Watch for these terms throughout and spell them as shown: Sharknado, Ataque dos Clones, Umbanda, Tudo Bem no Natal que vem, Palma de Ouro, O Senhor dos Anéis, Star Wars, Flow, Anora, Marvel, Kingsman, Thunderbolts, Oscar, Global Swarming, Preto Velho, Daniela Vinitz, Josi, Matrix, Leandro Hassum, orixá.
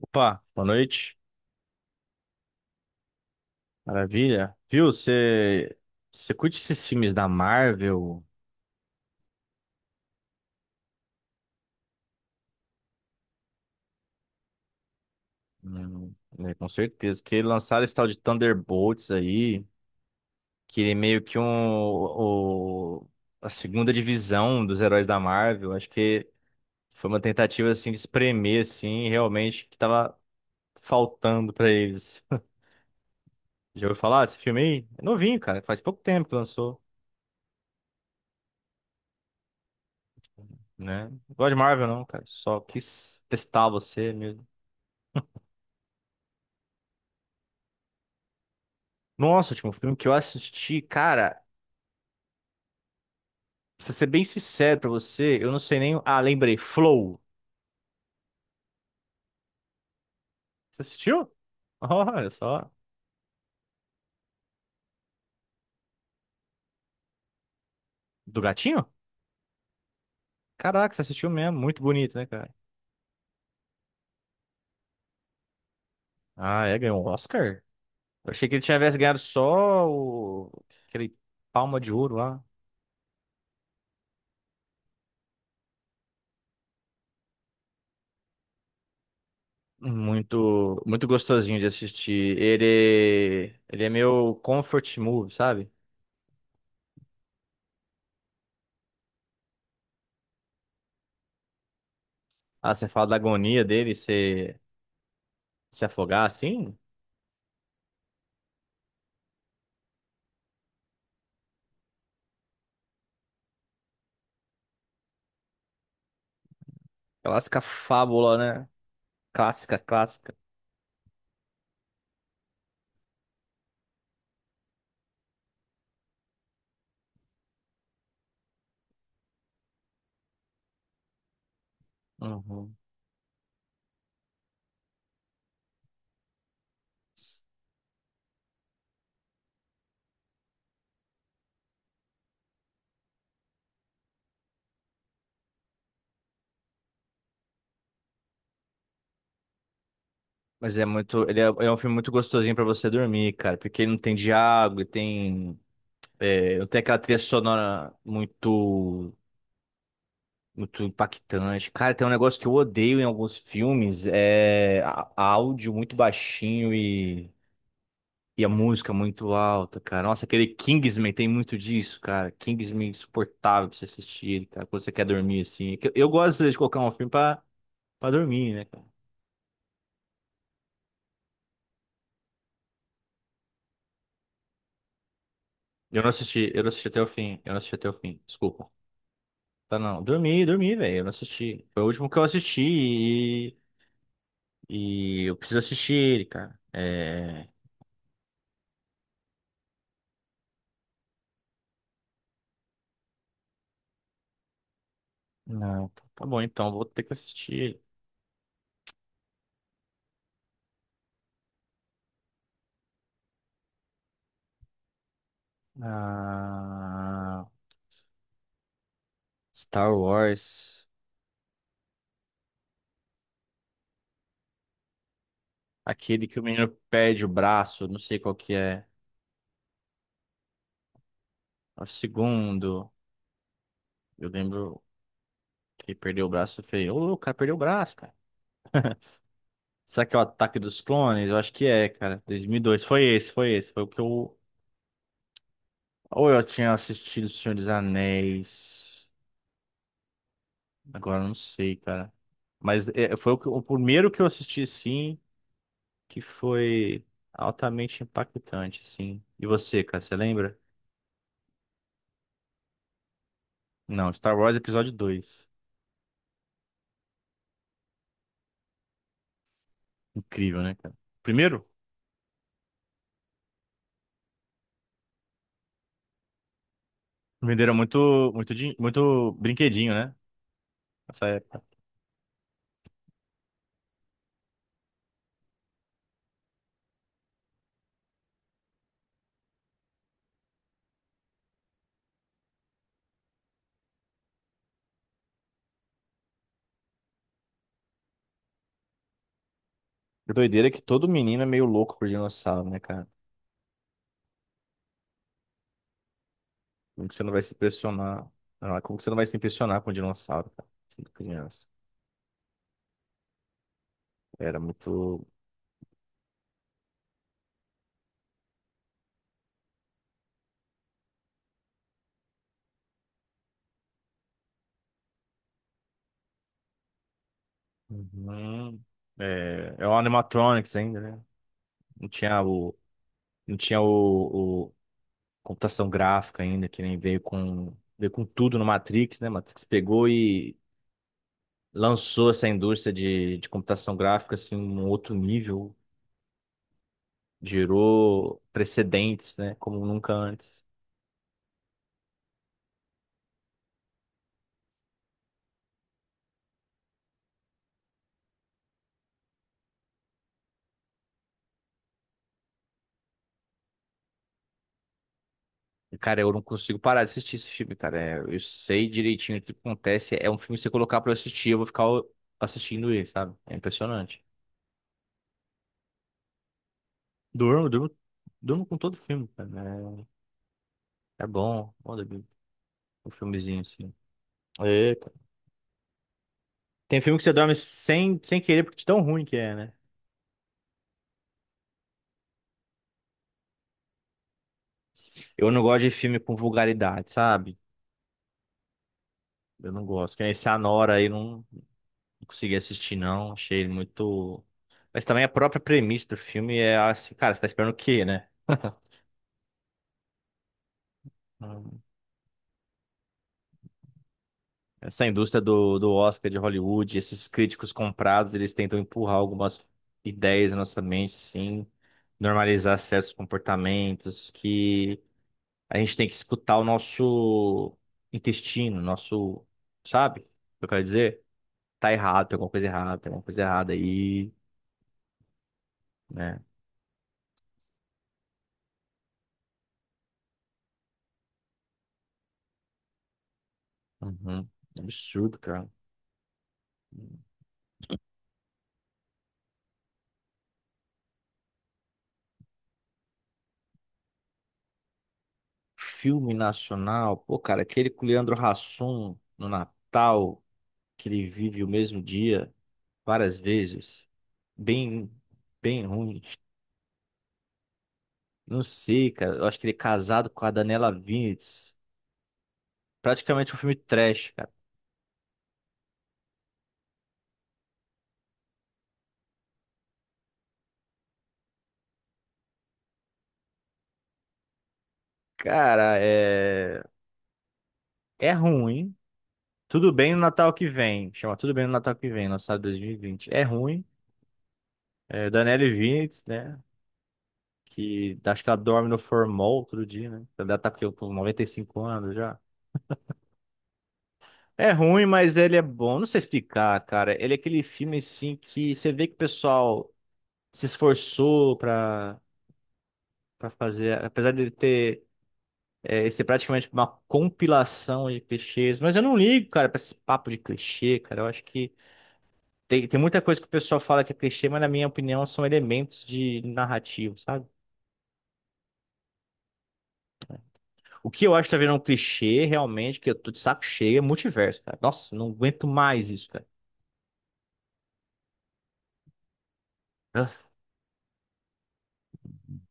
Opa, boa noite. Maravilha. Viu, você curte esses filmes da Marvel? Né, com certeza. Que lançaram esse tal de Thunderbolts aí, que ele é meio que a segunda divisão dos heróis da Marvel. Acho que foi uma tentativa, assim, de espremer, assim, realmente, que tava faltando pra eles. Já ouviu falar desse filme aí? É novinho, cara. Faz pouco tempo que lançou, né? Não gosto de Marvel, não, cara. Só quis testar você mesmo. Nossa, último filme que eu assisti, cara, pra ser bem sincero pra você, eu não sei nem. Ah, lembrei, Flow. Você assistiu? Olha só. Do gatinho? Caraca, você assistiu mesmo. Muito bonito, né, cara? Ah, é, ganhou um Oscar? Eu achei que ele tivesse ganhado só aquele Palma de Ouro lá. Muito, muito gostosinho de assistir. Ele é meu comfort movie, sabe? Ah, você fala da agonia dele se afogar assim? Clássica fábula, né? Clássica, clássica. Uhum. Mas é muito. Ele é um filme muito gostosinho pra você dormir, cara. Porque ele não tem diálogo, ele tem. É, não tem aquela trilha sonora muito. Muito impactante. Cara, tem um negócio que eu odeio em alguns filmes: é a áudio muito baixinho e a música muito alta, cara. Nossa, aquele Kingsman tem muito disso, cara. Kingsman é insuportável pra você assistir, ele, cara. Quando você quer dormir assim. Eu gosto às vezes, de colocar um filme pra dormir, né, cara? Eu não assisti até o fim. Eu não assisti até o fim. Desculpa. Tá, não. Dormi, dormi, velho. Eu não assisti. Foi o último que eu assisti e eu preciso assistir ele, cara. É. Não, tá bom então, vou ter que assistir ele. Ah, Star Wars. Aquele que o menino perde o braço, não sei qual que é. É o segundo. Eu lembro que ele perdeu o braço. Eu falei, ô, o cara perdeu o braço, cara. Será que é o Ataque dos Clones? Eu acho que é, cara. 2002. Foi esse, foi esse. Foi o que eu. Ou eu tinha assistido O Senhor dos Anéis. Agora não sei, cara. Mas é, foi o primeiro que eu assisti, sim, que foi altamente impactante, assim. E você, cara, você lembra? Não, Star Wars Episódio dois. Incrível, né, cara? Primeiro, venderam muito, muito, muito brinquedinho, né? Nessa época. Doideira que todo menino é meio louco por dinossauro, né, cara? Como que você não vai se impressionar? Ah, como que você não vai se impressionar com dinossauro, cara? Sendo criança. Era muito. Uhum. É o animatronics ainda, né? Não tinha o, não tinha o computação gráfica ainda, que nem veio com tudo no Matrix, né? Matrix pegou e lançou essa indústria de computação gráfica assim, um outro nível, gerou precedentes, né? Como nunca antes. E, cara, eu não consigo parar de assistir esse filme, cara. É, eu sei direitinho o que acontece. É um filme que você colocar pra eu assistir, eu vou ficar assistindo ele, sabe? É impressionante. Durmo, durmo, durmo com todo filme, cara. É bom, bom dormir com um filmezinho assim. É, tem filme que você dorme sem querer porque de tão ruim que é, né? Eu não gosto de filme com vulgaridade, sabe? Eu não gosto. Que nem esse Anora aí, não, não consegui assistir, não. Achei ele muito. Mas também a própria premissa do filme é assim, cara, você tá esperando o quê, né? Hum. Essa indústria do Oscar de Hollywood, esses críticos comprados, eles tentam empurrar algumas ideias na nossa mente, sim, normalizar certos comportamentos que a gente tem que escutar o nosso intestino, nosso, sabe? O que eu quero dizer? Tá errado, tem alguma coisa errada, tem alguma coisa errada aí, né? Uhum. Absurdo, cara. Filme nacional, pô, cara, aquele com o Leandro Hassum no Natal, que ele vive o mesmo dia várias vezes. Bem, bem ruim. Não sei, cara. Eu acho que ele é casado com a Daniela Vinitz. Praticamente um filme trash, cara. Cara, é. É ruim. Tudo Bem no Natal que vem. Chama Tudo Bem no Natal que vem, lançado em 2020. É ruim. É Daniele Vinitz, né? Que acho que ela dorme no formol outro dia, né? Ela tá com 95 anos já. É ruim, mas ele é bom. Não sei explicar, cara. Ele é aquele filme, assim, que você vê que o pessoal se esforçou pra fazer. Apesar de ele ter... É, ser praticamente uma compilação de clichês. Mas eu não ligo, cara, pra esse papo de clichê, cara. Eu acho que tem muita coisa que o pessoal fala que é clichê, mas na minha opinião são elementos de narrativo, sabe? O que eu acho que tá virando um clichê realmente, que eu tô de saco cheio, é multiverso, cara. Nossa, não aguento mais isso, cara. Ah,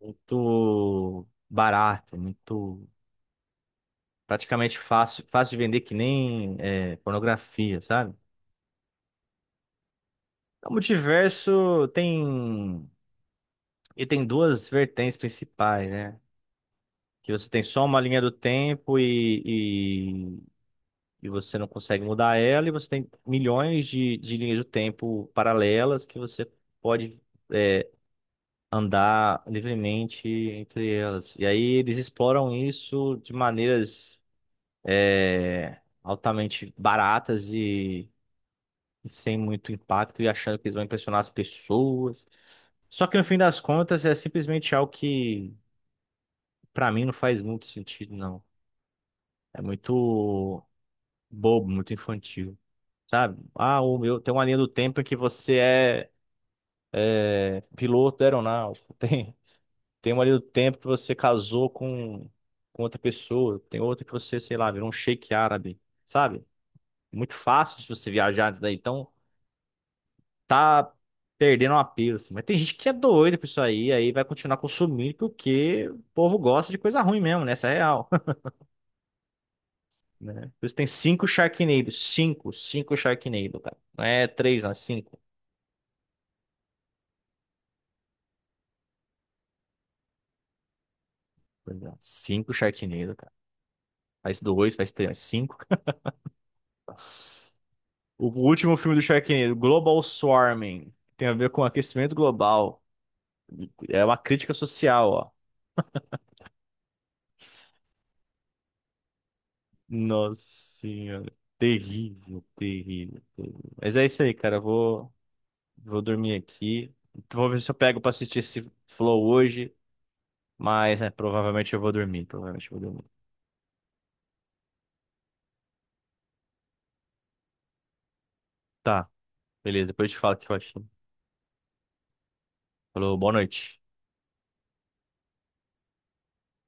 muito barato, muito praticamente fácil de vender que nem é, pornografia, sabe? O multiverso tem duas vertentes principais, né? Que você tem só uma linha do tempo e você não consegue mudar ela, e você tem milhões de linhas do tempo paralelas que você pode é, andar livremente entre elas. E aí eles exploram isso de maneiras altamente baratas e sem muito impacto, e achando que eles vão impressionar as pessoas. Só que no fim das contas é simplesmente algo que, pra mim, não faz muito sentido, não. É muito bobo, muito infantil. Sabe? Ah, o meu, tem uma linha do tempo que você é piloto aeronáutico, tem uma linha do tempo que você casou com outra pessoa, tem outra que você, sei lá, virou um sheik árabe, sabe? Muito fácil se você viajar nisso daí, então tá perdendo uma pira, assim. Mas tem gente que é doida por isso aí, aí vai continuar consumindo porque o povo gosta de coisa ruim mesmo, né? Essa é a real, né? Por isso tem cinco Sharknado, cinco, cinco Sharknado, cara. Não é três, não, é cinco. Cinco Sharknado, cara. Faz dois, faz três, faz cinco. O último filme do Sharknado, Global Swarming, tem a ver com aquecimento global. É uma crítica social, ó. Nossa senhora. Terrível, terrível, terrível. Mas é isso aí, cara. Eu vou dormir aqui. Vou ver se eu pego pra assistir esse Flow hoje. Mas, né, provavelmente eu vou dormir. Provavelmente eu vou dormir. Tá, beleza. Depois eu te falo o que eu achei. Falou, boa noite.